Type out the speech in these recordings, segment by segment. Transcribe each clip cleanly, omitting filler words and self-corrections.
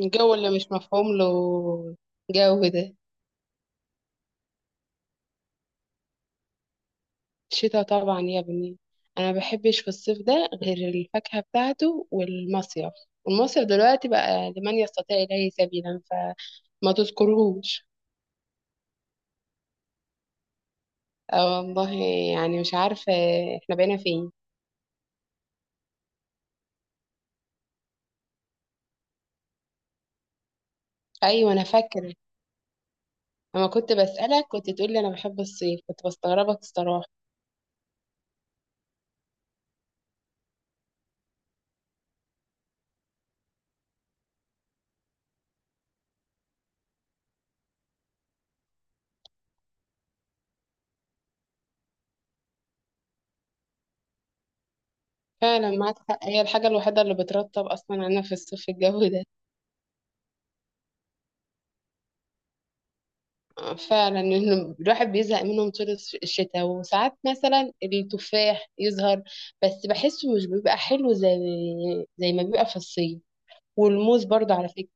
الجو اللي مش مفهوم له جو ده. الشتاء طبعا يا بني، انا ما بحبش في الصيف ده غير الفاكهة بتاعته والمصيف. والمصيف دلوقتي بقى لمن يستطيع اليه سبيلا فما تذكرهوش. آه والله. يعني مش عارفة، احنا بقينا فين؟ ايوه انا فاكرة. لما كنت بسألك كنت تقول لي انا بحب الصيف، كنت بستغربك الصراحة. فعلا معاك حق، هي الحاجة الوحيدة اللي بترطب اصلا انا في الصيف الجو ده. فعلا انه الواحد بيزهق منهم طول الشتاء، وساعات مثلا التفاح يظهر بس بحسه مش بيبقى حلو زي ما بيبقى في الصيف. والموز برضه على فكرة.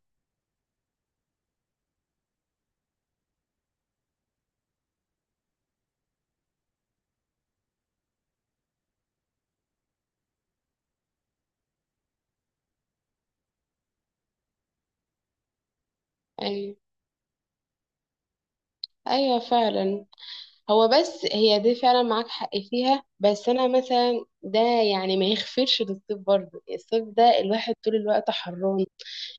ايوه. ايوه فعلا. هو بس هي دي فعلا معاك حق فيها، بس انا مثلا ده يعني ما يغفرش للصيف برضه. الصيف ده الواحد طول الوقت حران،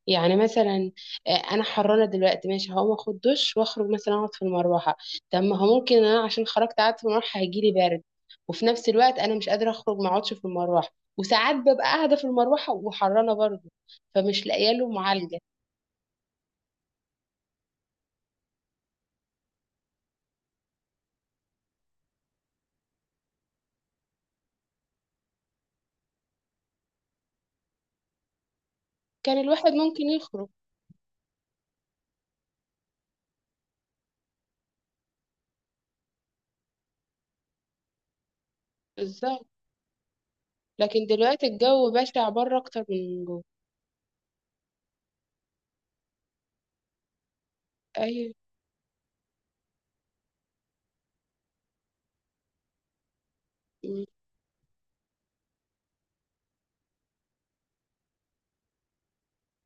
يعني مثلا انا حرانه دلوقتي، ماشي هقوم اخد دش واخرج مثلا اقعد في المروحه. طب ما هو ممكن انا عشان خرجت قعدت في المروحه هيجيلي برد، وفي نفس الوقت انا مش قادره اخرج ما اقعدش في المروحه. وساعات ببقى قاعده في المروحه وحرانه برضه، فمش لاقيه له معالجه. كان الواحد ممكن يخرج. بالظبط. لكن دلوقتي الجو بشع بره اكتر من جوه. ايوه. م.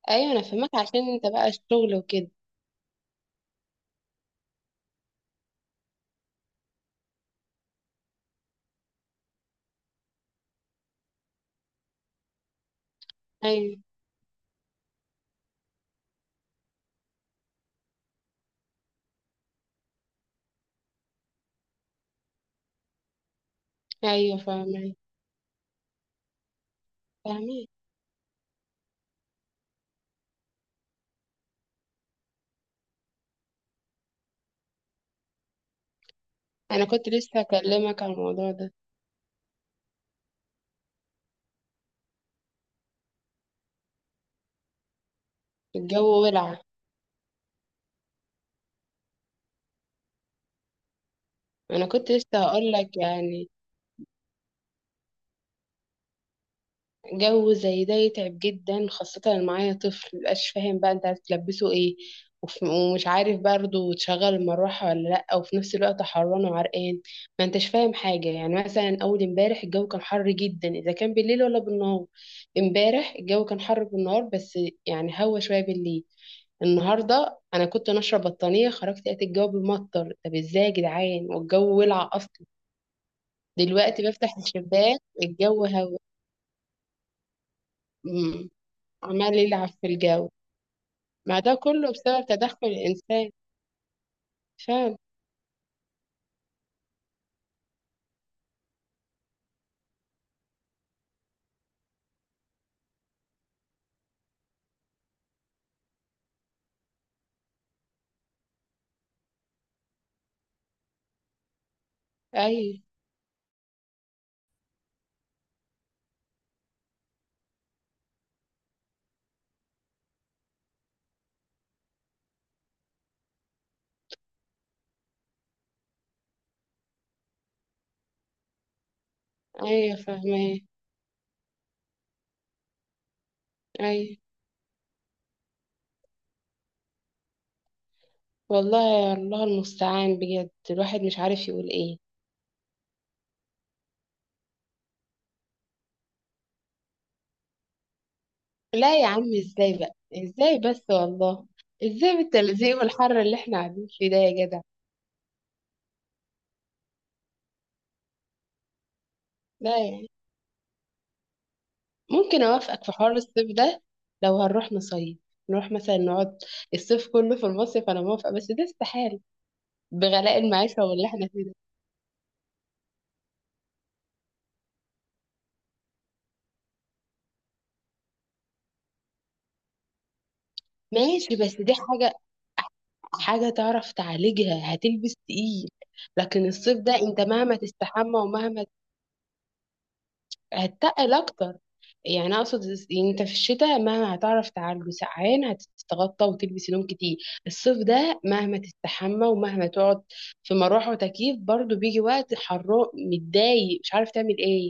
ايوه انا فهمك عشان انت بقى الشغل وكده. ايوه. ايوه فاهمه. فاهمه. انا كنت لسه هكلمك عن الموضوع ده. الجو ولع. انا كنت لسه هقول لك، يعني جو زي ده يتعب جدا، خاصة لو معايا طفل مبقاش فاهم بقى انت هتلبسه ايه. ومش عارف برضه تشغل المروحة ولا لأ، وفي نفس الوقت حران وعرقان. ما انتش فاهم حاجة. يعني مثلا أول امبارح الجو كان حر جدا، إذا كان بالليل ولا بالنهار. امبارح الجو كان حر بالنهار بس، يعني هوا شوية بالليل. النهاردة أنا كنت ناشرة بطانية، خرجت لقيت الجو بيمطر. طب ازاي يا جدعان والجو ولع أصلا؟ دلوقتي بفتح الشباك الجو هوا. مم. عمال يلعب في الجو. مع ده كله بسبب تدخل الإنسان. فاهم. أي. أي فاهمة. أي والله. يا الله المستعان، بجد الواحد مش عارف يقول إيه. لا يا عم، إزاي بقى؟ إزاي بس والله؟ إزاي بالتلزيق والحر اللي إحنا قاعدين فيه ده يا جدع؟ لا يعني ممكن أوافقك في حوار الصيف ده لو هنروح نصيف، نروح مثلا نقعد الصيف كله في المصيف، أنا موافقة، بس ده استحالة بغلاء المعيشة واللي احنا فيه ده. ماشي بس دي حاجة، حاجة تعرف تعالجها، هتلبس تقيل. لكن الصيف ده انت مهما تستحمى ومهما، هتتقل اكتر. يعني اقصد يعني انت في الشتاء مهما هتعرف تعالجه سقعان، هتتغطى وتلبس هدوم كتير. الصيف ده مهما تستحمى ومهما تقعد في مروحة وتكييف، برضو بيجي وقت حرام متضايق مش عارف تعمل ايه.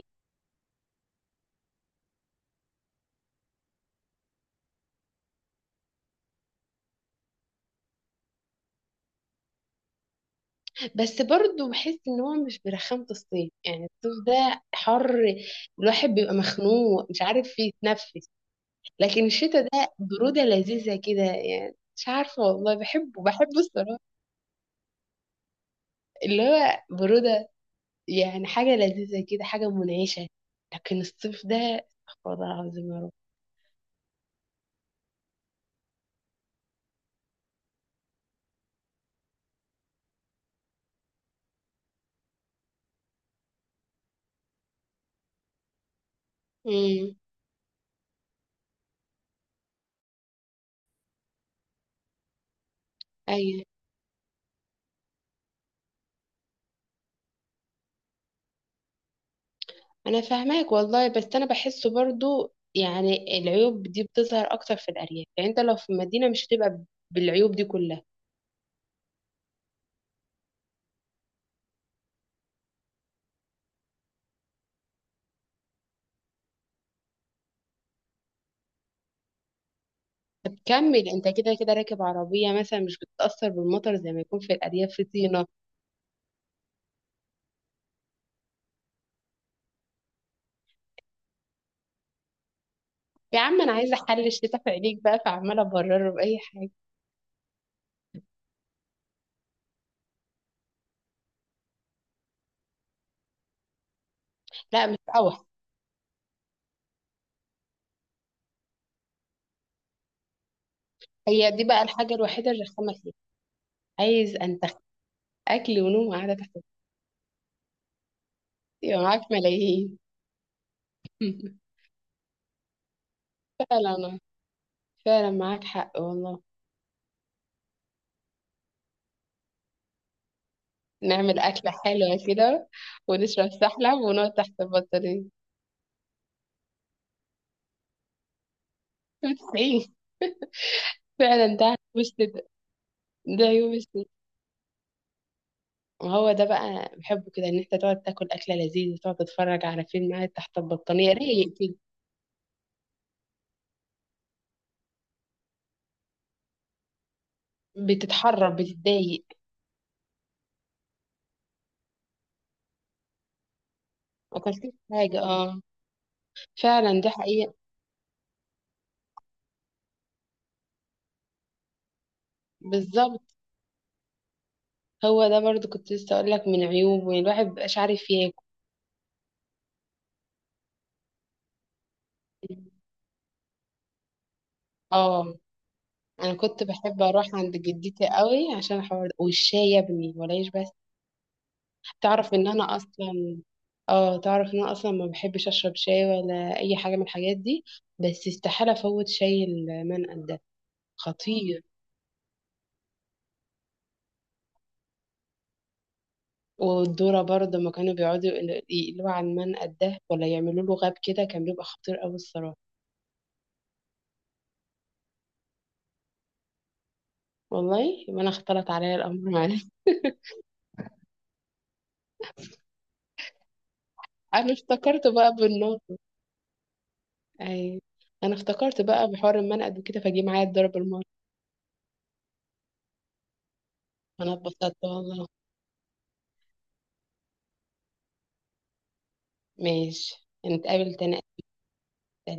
بس برضه بحس ان هو مش برخامة الصيف، يعني الصيف ده حر، الواحد بيبقى مخنوق مش عارف يتنفس. لكن الشتاء ده برودة لذيذة كده، يعني مش عارفة والله بحبه، بحبه الصراحة. اللي هو برودة، يعني حاجة لذيذة كده، حاجة منعشة. لكن الصيف ده استغفر الله العظيم يا رب. امم. ايوه انا فاهماك والله، بس انا بحسه برضو يعني العيوب دي بتظهر اكتر في الارياف، يعني انت لو في المدينة مش هتبقى بالعيوب دي كلها. طب كمل انت، كده كده راكب عربية مثلا مش بتتأثر بالمطر زي ما يكون في الأرياف في طينة. يا عم أنا عايزة أحل الشتاء في عينيك بقى، فعمالة أبرره بأي حاجة. لا مش أوح. هي دي بقى الحاجة الوحيدة الرخامة فيها. عايز أنتخ. أكل ونوم وقاعدة تحت الكرسي، معاك ملايين. فعلا آه. فعلا معاك حق والله. نعمل أكلة حلوة كده، ونشرب سحلب ونقعد تحت البطانية. 90. فعلا ده مش ده. ده يوم الشتاء. هو ده بقى بحبه كده، ان انت تقعد تاكل اكله لذيذه وتقعد تتفرج على فيلم قاعد تحت البطانيه رايق كده. بتتحرك بتتضايق. ما اكلتش حاجه اه. فعلا دي حقيقه. بالظبط. هو ده برضو كنت لسه اقول لك من عيوبه، يعني الواحد مبيبقاش عارف ياكل. اه. انا كنت بحب اروح عند جدتي قوي عشان الحوار ده، والشاي يا ابني ولا ايش بس. تعرف ان انا اصلا، اه تعرف ان انا اصلا ما بحبش اشرب شاي ولا اي حاجه من الحاجات دي، بس استحاله افوت شاي المنقل ده. خطير. والدورة برضه لما كانوا بيقعدوا يقلوا على المنقد ده ولا يعملوا له غاب كده، كان بيبقى خطير قوي الصراحة. والله يبقى انا اختلط عليا الامر. معلش انا افتكرت بقى بالنار. اي. انا افتكرت بقى بحوار المنقد وكده، فجه معايا الضرب المرة. انا اتبسطت والله. ماشي. نتقابل تاني.